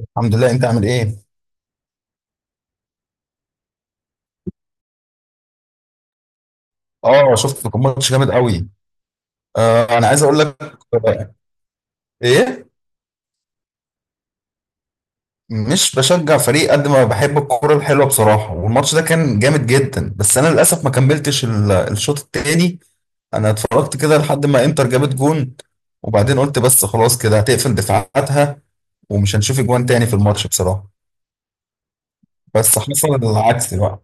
الحمد لله، انت عامل ايه؟ اه شفت، كان ماتش جامد قوي. آه انا عايز اقول لك. آه، ايه، مش بشجع فريق قد ما بحب الكوره الحلوه بصراحه، والماتش ده كان جامد جدا، بس انا للاسف ما كملتش الشوط التاني. انا اتفرجت كده لحد ما انتر جابت جون، وبعدين قلت بس خلاص كده هتقفل دفاعاتها ومش هنشوف اجوان تاني في الماتش بصراحه. بس حصل العكس بقى.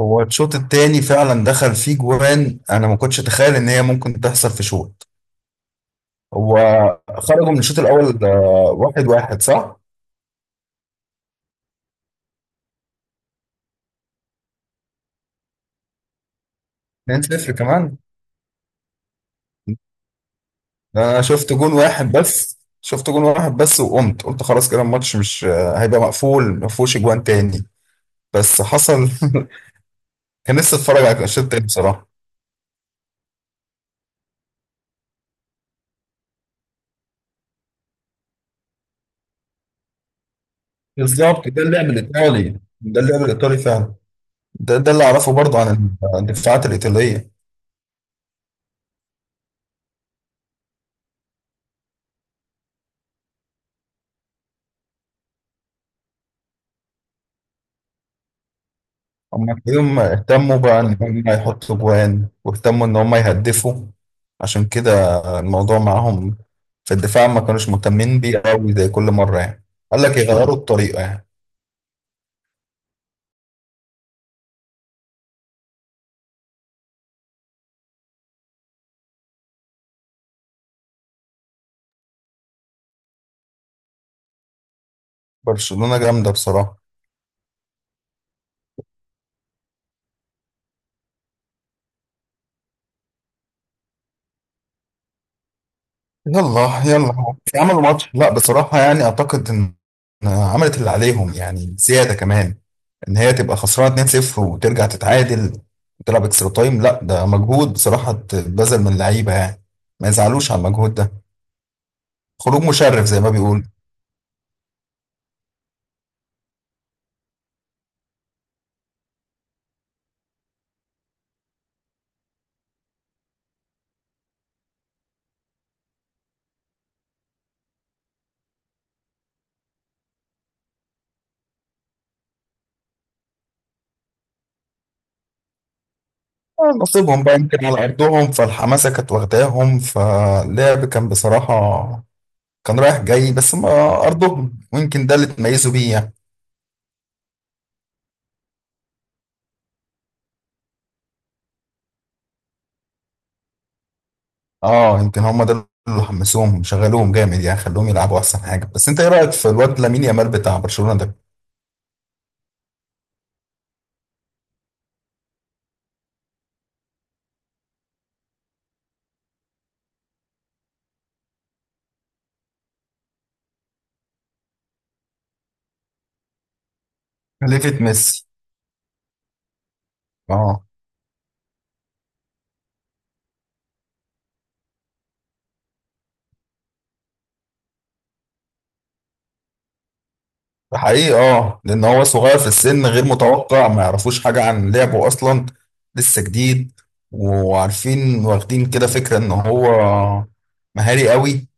هو الشوط التاني فعلا دخل فيه جوان، انا ما كنتش اتخيل ان هي ممكن تحصل في شوط. هو خرجوا من الشوط الاول واحد واحد صح؟ 2-0 كمان؟ انا شفت جون واحد بس، شفت جون واحد بس وقمت قلت خلاص كده الماتش مش هيبقى مقفول، ما فيهوش اجوان تاني. بس حصل كان لسه اتفرج على الشوط التاني بصراحه. بالظبط ده اللعب الايطالي، ده اللعب الايطالي فعلا. ده اللي اعرفه برضه عن الدفاعات الايطاليه. هم تلاقيهم اهتموا بقى إن هم يحطوا جوان واهتموا إن هم يهدفوا، عشان كده الموضوع معاهم في الدفاع ما كانوش مهتمين بيه قوي زي كل مرة يعني. قال لك يغيروا الطريقة يعني. برشلونة جامدة بصراحة. يلا يلا مش عملوا ماتش؟ لا بصراحة يعني أعتقد إن، إن عملت اللي عليهم يعني زيادة كمان. إن هي تبقى خسرانة 2-0 وترجع تتعادل وتلعب اكسترا تايم، لا ده مجهود بصراحة اتبذل من اللعيبة يعني. ما يزعلوش على المجهود ده. خروج مشرف زي ما بيقولوا. نصيبهم بقى، يمكن على أرضهم فالحماسة كانت واخداهم، فاللعب كان بصراحة كان رايح جاي. بس ما، أرضهم ويمكن ده اللي تميزوا بيه يعني. اه يمكن هما ده اللي حمسوهم، شغلوهم جامد يعني، خلوهم يلعبوا أحسن حاجة. بس أنت إيه رأيك في الواد لامين يامال بتاع برشلونة ده؟ خليفة ميسي. اه ده حقيقي، اه لأن هو صغير في السن غير متوقع، ما يعرفوش حاجة عن لعبه أصلا، لسه جديد. وعارفين، واخدين كده فكرة إن هو مهاري قوي،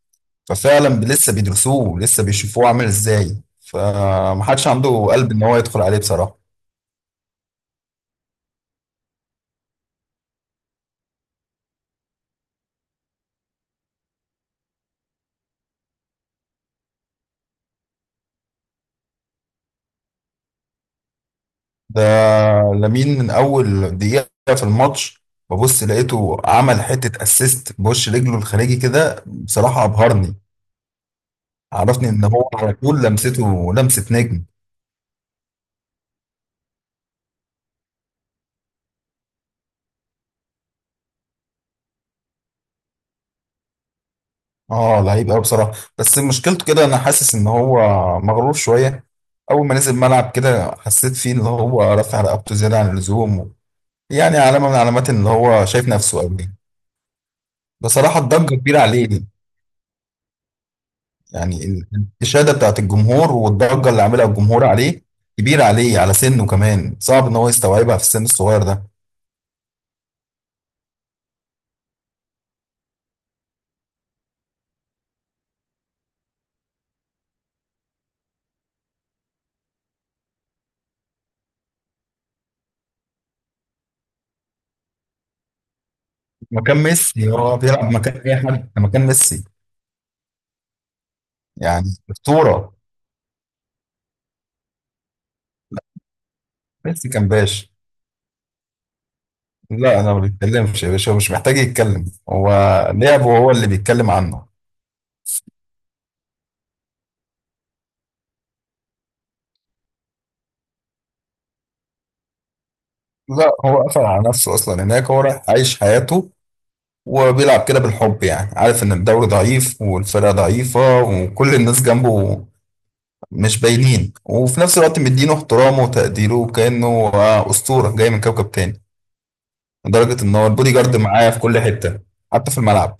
ففعلا لسه بيدرسوه، لسه بيشوفوه عامل ازاي، فمحدش عنده قلب ان هو يدخل عليه بصراحة. ده لامين من اول دقيقة في الماتش ببص لقيته عمل حتة اسيست بوش رجله الخارجي كده، بصراحة ابهرني. عرفني ان هو على طول لمسته لمسة نجم. اه لعيب قوي بصراحة. بس مشكلته كده، انا حاسس ان هو مغرور شوية. اول ما نزل الملعب كده حسيت فيه ان هو رافع رقبته زيادة عن اللزوم، يعني علامة من علامات ان هو شايف نفسه قوي. بصراحة الضجة كبيرة عليه. يعني الإشادة بتاعت الجمهور والضجة اللي عاملها الجمهور عليه كبيرة عليه على سنه، كمان صعب إن هو يستوعبها في السن الصغير ده. مكان ميسي، هو بيلعب مكان أي حد؟ ده مكان ميسي، يعني أسطورة. ميسي كان باشا. لا أنا ما بيتكلمش يا باشا، هو مش محتاج يتكلم، هو لعبه هو اللي بيتكلم عنه. لا هو قفل على نفسه اصلا هناك، هو رايح عايش حياته وبيلعب كده بالحب، يعني عارف ان الدوري ضعيف والفرقه ضعيفه وكل الناس جنبه مش باينين، وفي نفس الوقت مدينه احترامه وتقديره وكأنه أسطورة جاي من كوكب تاني، لدرجة إن هو البودي جارد معاه في كل حتة، حتى في الملعب.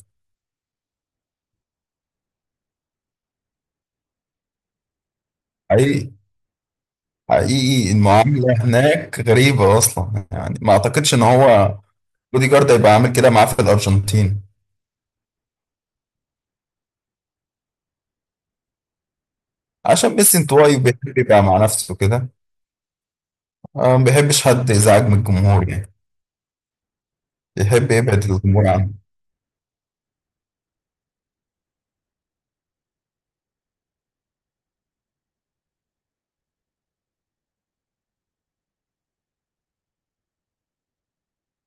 حقيقي. حقيقي المعاملة هناك غريبة أصلا، يعني ما أعتقدش إن هو بودي جارد هيبقى عامل كده معاه في الأرجنتين. عشان ميسي انطوائي بيحب يبقى مع نفسه كده، ما بيحبش حد يزعج من الجمهور يعني، بيحب يبعد الجمهور عنه.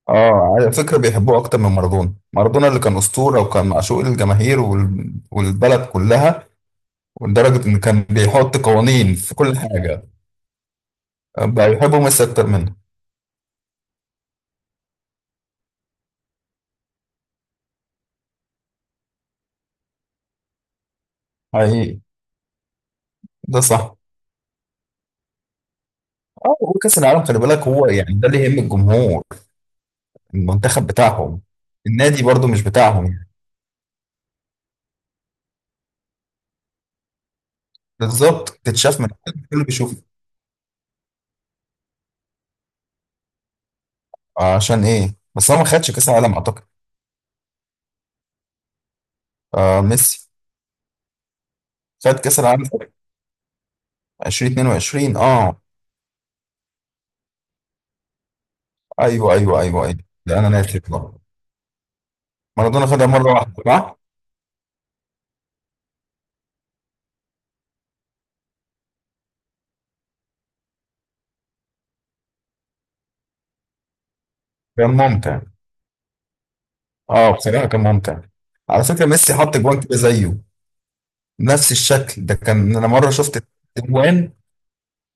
اه على فكرة بيحبوه اكتر من مارادونا. مارادونا اللي كان اسطورة وكان معشوق الجماهير والبلد كلها، ولدرجة ان كان بيحط قوانين في كل حاجة، بقى يحبوا ميسي اكتر منه. حقيقي. ده صح. اه وكأس العالم خلي بالك هو يعني ده اللي يهم الجمهور، المنتخب بتاعهم. النادي برضو مش بتاعهم يعني. بالظبط تتشاف من الكل، بيشوف. عشان ايه بس هو ما خدش كأس العالم اعتقد؟ آه ميسي، خد كأس العالم 2022؟ اه ايوه ايوه ايوه ايوه. لا انا ناسي والله. مارادونا خدها مره واحده صح؟ كان ممتع. اه بصراحه كان ممتع. على فكره ميسي حط جوان كده زيه، نفس الشكل ده، كان انا مره شفت جوان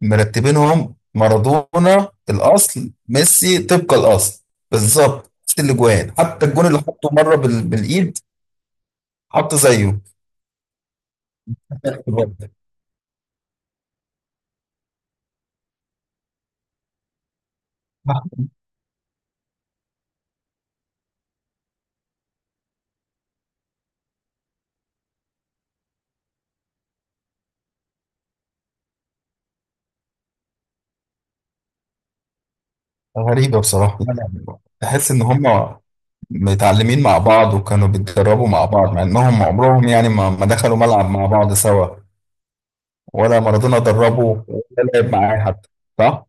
مرتبينهم، مارادونا الاصل، ميسي طبق الاصل، بالظبط نفس الاجوان، حتى الجون اللي حطه مره بالايد، حط زيه. غريبه بصراحه، لا، لا، تحس ان هم متعلمين مع بعض وكانوا بيتدربوا مع بعض، مع انهم عمرهم يعني ما دخلوا ملعب مع بعض سوا، ولا مارادونا دربه، ولا لعب معاه حتى، صح؟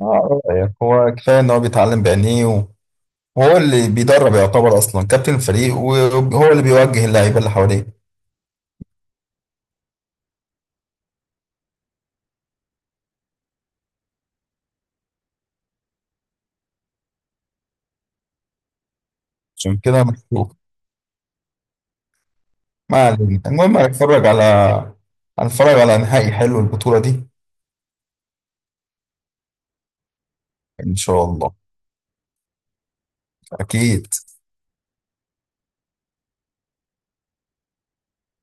اه يعني هو كفايه ان هو بيتعلم بعينيه، وهو اللي بيدرب يعتبر اصلا كابتن الفريق، وهو اللي بيوجه اللعيبه اللي حواليه، عشان كده مكسوف. ما علينا، المهم هنتفرج على، هنتفرج على نهائي حلو البطوله دي. ان شاء الله. اكيد.